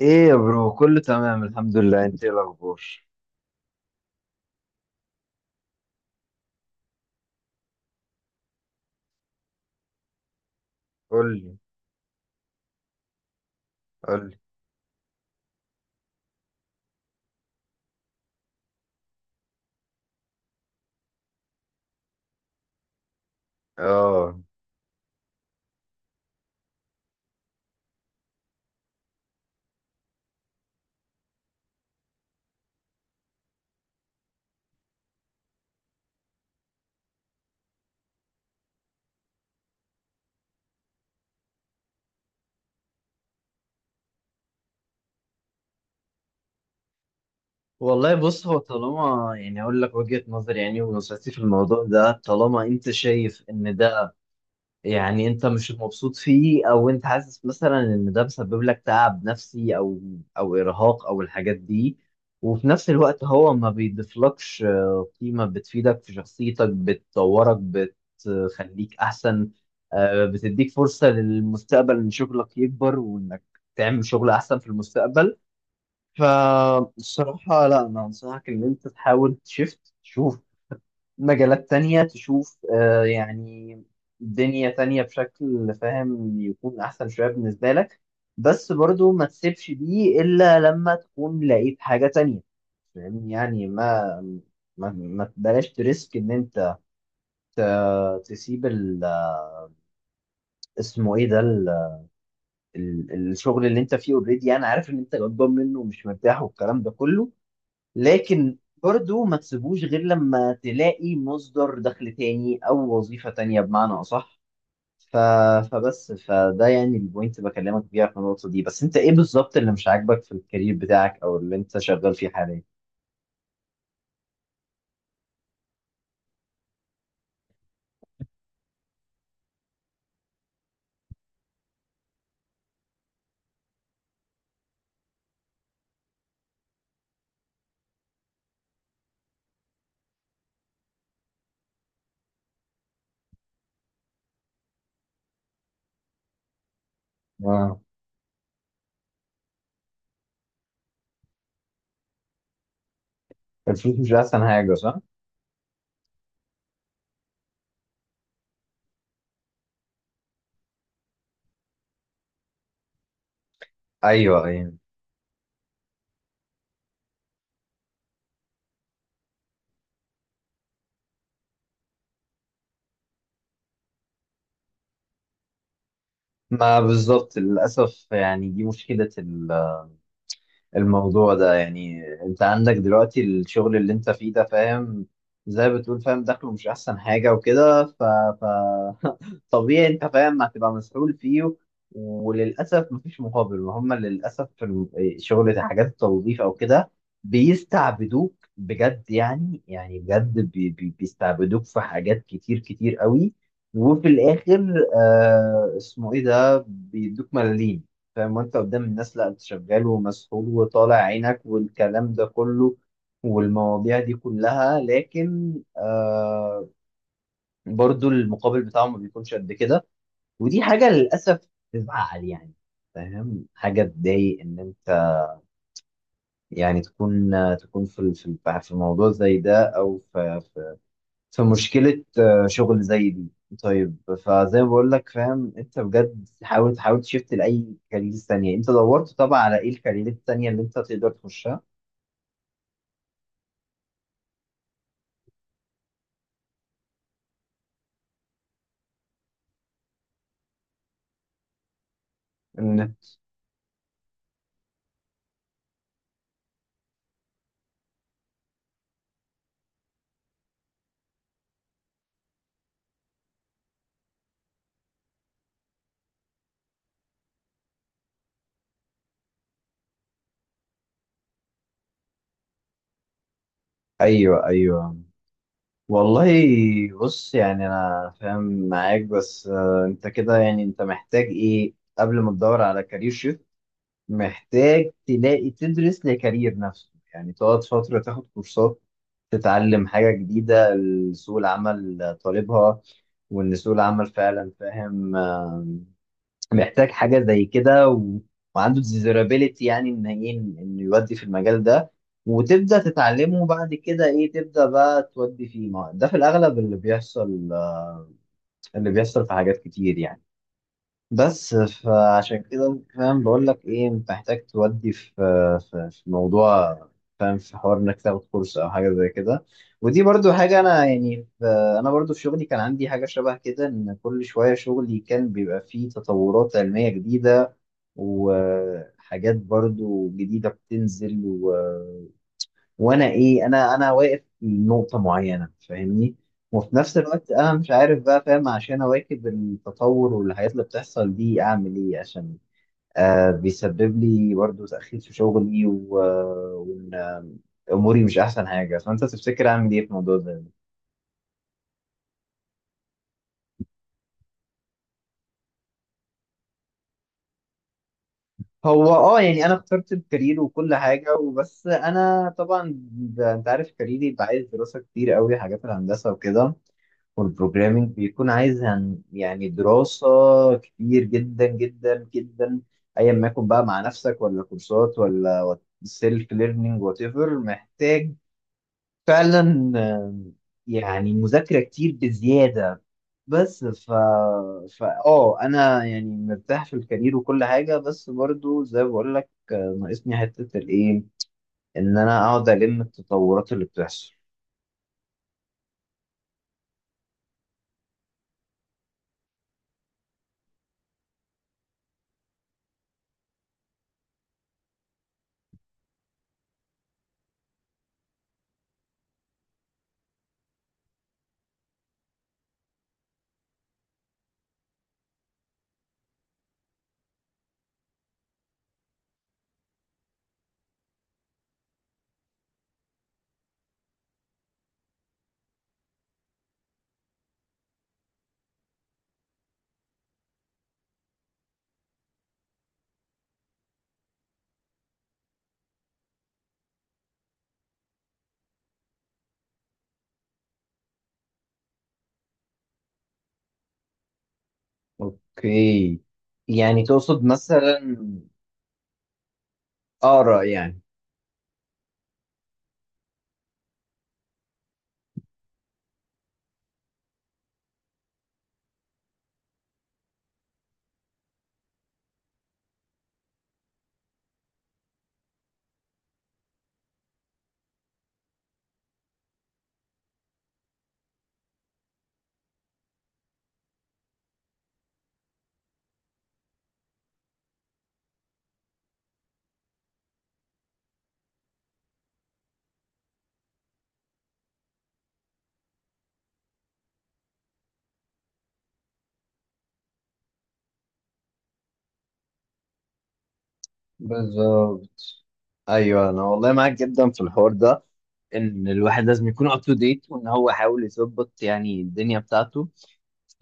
ايه يا برو، كله تمام الحمد لله. انت ايه الاخبار؟ قول لي. قول لي اه والله بص، هو طالما يعني اقول لك وجهة نظري يعني ونصيحتي في الموضوع ده، طالما انت شايف ان يعني انت مش مبسوط فيه، او انت حاسس مثلا ان ده مسبب لك تعب نفسي او ارهاق او الحاجات دي، وفي نفس الوقت هو ما بيضيفلكش قيمة بتفيدك في شخصيتك، بتطورك، بتخليك احسن، بتديك فرصة للمستقبل ان شغلك يكبر وانك تعمل شغل احسن في المستقبل، فالصراحة لا، انا انصحك ان انت تحاول تشوف مجالات تانية، تشوف يعني دنيا تانية بشكل فاهم يكون أحسن شوية بالنسبة لك. بس برضو ما تسيبش دي إلا لما تكون لقيت حاجة تانية، فاهم يعني؟ ما تبلاش تريسك إن أنت تسيب اسمه إيه ده، الشغل اللي أنت فيه. أوريدي أنا عارف إن أنت غضبان منه ومش مرتاح والكلام ده كله، لكن برضو ما تسيبوش غير لما تلاقي مصدر دخل تاني أو وظيفة تانية بمعنى أصح. ف... فبس، فده يعني البوينت بكلمك بيها في النقطة دي. بس انت ايه بالظبط اللي مش عاجبك في الكارير بتاعك او اللي انت شغال فيه حاليا؟ اه. الفلوس مش احسن حاجة، صح؟ ايوه يعني. ما بالظبط، للأسف يعني دي مشكلة الموضوع ده. يعني انت عندك دلوقتي الشغل اللي انت فيه ده، فاهم، زي ما بتقول، فاهم، دخله مش احسن حاجة وكده، طبيعي انت فاهم هتبقى مسؤول فيه. وللاسف مفيش مقابل، وهم للاسف في شغل حاجات التوظيف او كده بيستعبدوك بجد يعني، يعني بجد، بي بي بيستعبدوك في حاجات كتير كتير قوي، وفي الاخر آه اسمه ايه ده، بيدوك ملاليم. فاهم؟ وانت قدام الناس لا، انت شغال ومسؤول وطالع عينك والكلام ده كله والمواضيع دي كلها، لكن آه، برضو المقابل بتاعهم ما بيكونش قد كده. ودي حاجة للأسف تزعل يعني، فاهم، حاجة تضايق إن أنت يعني تكون في في موضوع زي ده، أو في في مشكلة آه، شغل زي دي. طيب، فزي ما بقول لك فاهم، أنت بجد حاول تحاول لأي كارير ثانية. أنت دورت طبعا على إيه الكارير التانية اللي أنت تقدر تخشها؟ إن- أيوه أيوه. والله بص، يعني أنا فاهم معاك، بس آه، أنت كده يعني أنت محتاج إيه قبل ما تدور على كارير شيفت؟ محتاج تلاقي تدرس لكارير نفسه، يعني تقعد فترة تاخد كورسات، تتعلم حاجة جديدة سوق العمل طالبها. وإن سوق العمل فعلا فاهم آه، محتاج حاجة زي كده، وعنده ديزيرابيليتي يعني إن إيه، إنه يودي في المجال ده. وتبدأ تتعلمه، بعد كده إيه، تبدأ بقى تودي فيه. ما ده في الأغلب اللي بيحصل آه، اللي بيحصل في حاجات كتير يعني. بس فعشان كده فاهم، بقول لك ايه، انت محتاج تودي في في موضوع، فاهم، في حوار انك تاخد كورس او حاجه زي كده. ودي برضو حاجه انا يعني، انا برضو في شغلي كان عندي حاجه شبه كده، ان كل شويه شغلي كان بيبقى فيه تطورات علميه جديده وحاجات برضو جديده بتنزل، وانا ايه انا انا واقف في نقطه معينه، فاهمني، وفي نفس الوقت انا مش عارف بقى فاهم، عشان اواكب التطور والحاجات اللي بتحصل دي اعمل ايه عشان آه بيسبب لي برضو تاخير في شغلي آه، وان آه، اموري مش احسن حاجه. فانت تفتكر اعمل ايه في الموضوع ده؟ هو اه يعني انا اخترت الكارير وكل حاجه، وبس انا طبعا انت عارف كاريري بعيد، دراسه كتير قوي، حاجات الهندسه وكده والبروجرامينج، بيكون عايز يعني دراسة كتير جدا جدا جدا، ايا ما يكون بقى، مع نفسك ولا كورسات ولا سيلف ليرنينج، وات ايفر محتاج فعلا. آم، يعني مذاكرة كتير بزيادة. بس ف فا اه انا يعني مرتاح في الكارير وكل حاجة، بس برضو زي ما بقول لك آه، ناقصني حتة الايه، ان انا اقعد الم التطورات اللي بتحصل. اوكي. يعني تقصد مثلا اقرا يعني؟ بالظبط. ايوه انا والله معاك جدا في الحوار ده، ان الواحد لازم يكون اب تو ديت، وان هو يحاول يظبط يعني الدنيا بتاعته.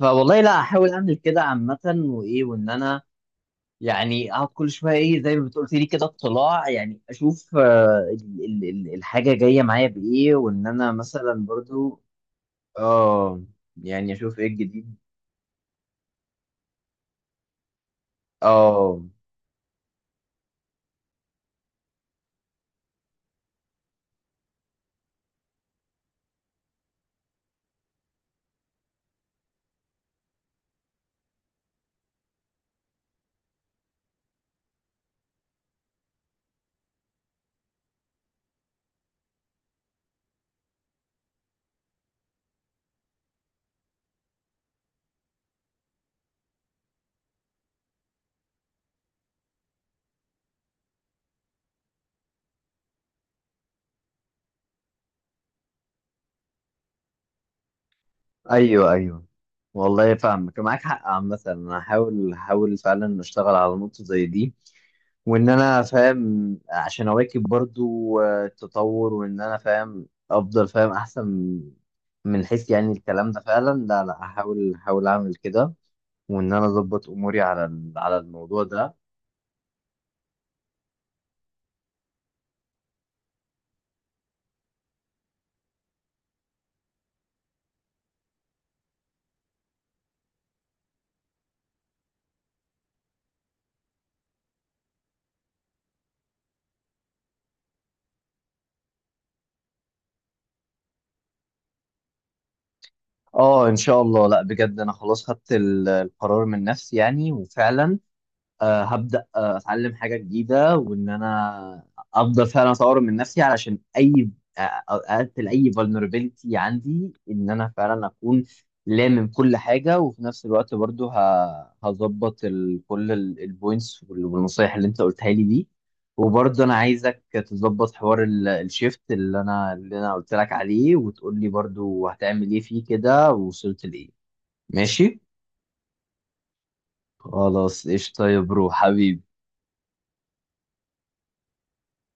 فوالله لا، احاول اعمل كده عامه، وايه، وان انا يعني اقعد كل شويه ايه زي ما بتقولي لي كده اطلاع، يعني اشوف آه، الحاجه جايه معايا بايه، وان انا مثلا برضو اه يعني اشوف ايه الجديد. اه. ايوه ايوه، والله فاهمك، معاك حق عامة. انا هحاول فعلا اشتغل على نقطة زي دي، وان انا فاهم عشان اواكب برضو آه، التطور، وان انا فاهم افضل، فاهم احسن، من حيث يعني الكلام ده فعلا. لا هحاول اعمل كده، وان انا اظبط اموري على على الموضوع ده. اه ان شاء الله. لا بجد، انا خلاص خدت القرار من نفسي، يعني وفعلا آه، هبدأ آه، أتعلم حاجة جديدة، وإن أنا أفضل فعلا أطور من نفسي، علشان أي آه، أقتل أي vulnerability عندي، إن أنا فعلا أكون لامم كل حاجة. وفي نفس الوقت برضو هظبط كل البوينتس والنصايح اللي أنت قلتها لي دي. وبرضه أنا عايزك تظبط حوار الشيفت اللي أنا قلت لك عليه، وتقول لي برضو هتعمل إيه فيه كده ووصلت لإيه. ماشي؟ خلاص، قشطة يا برو حبيبي.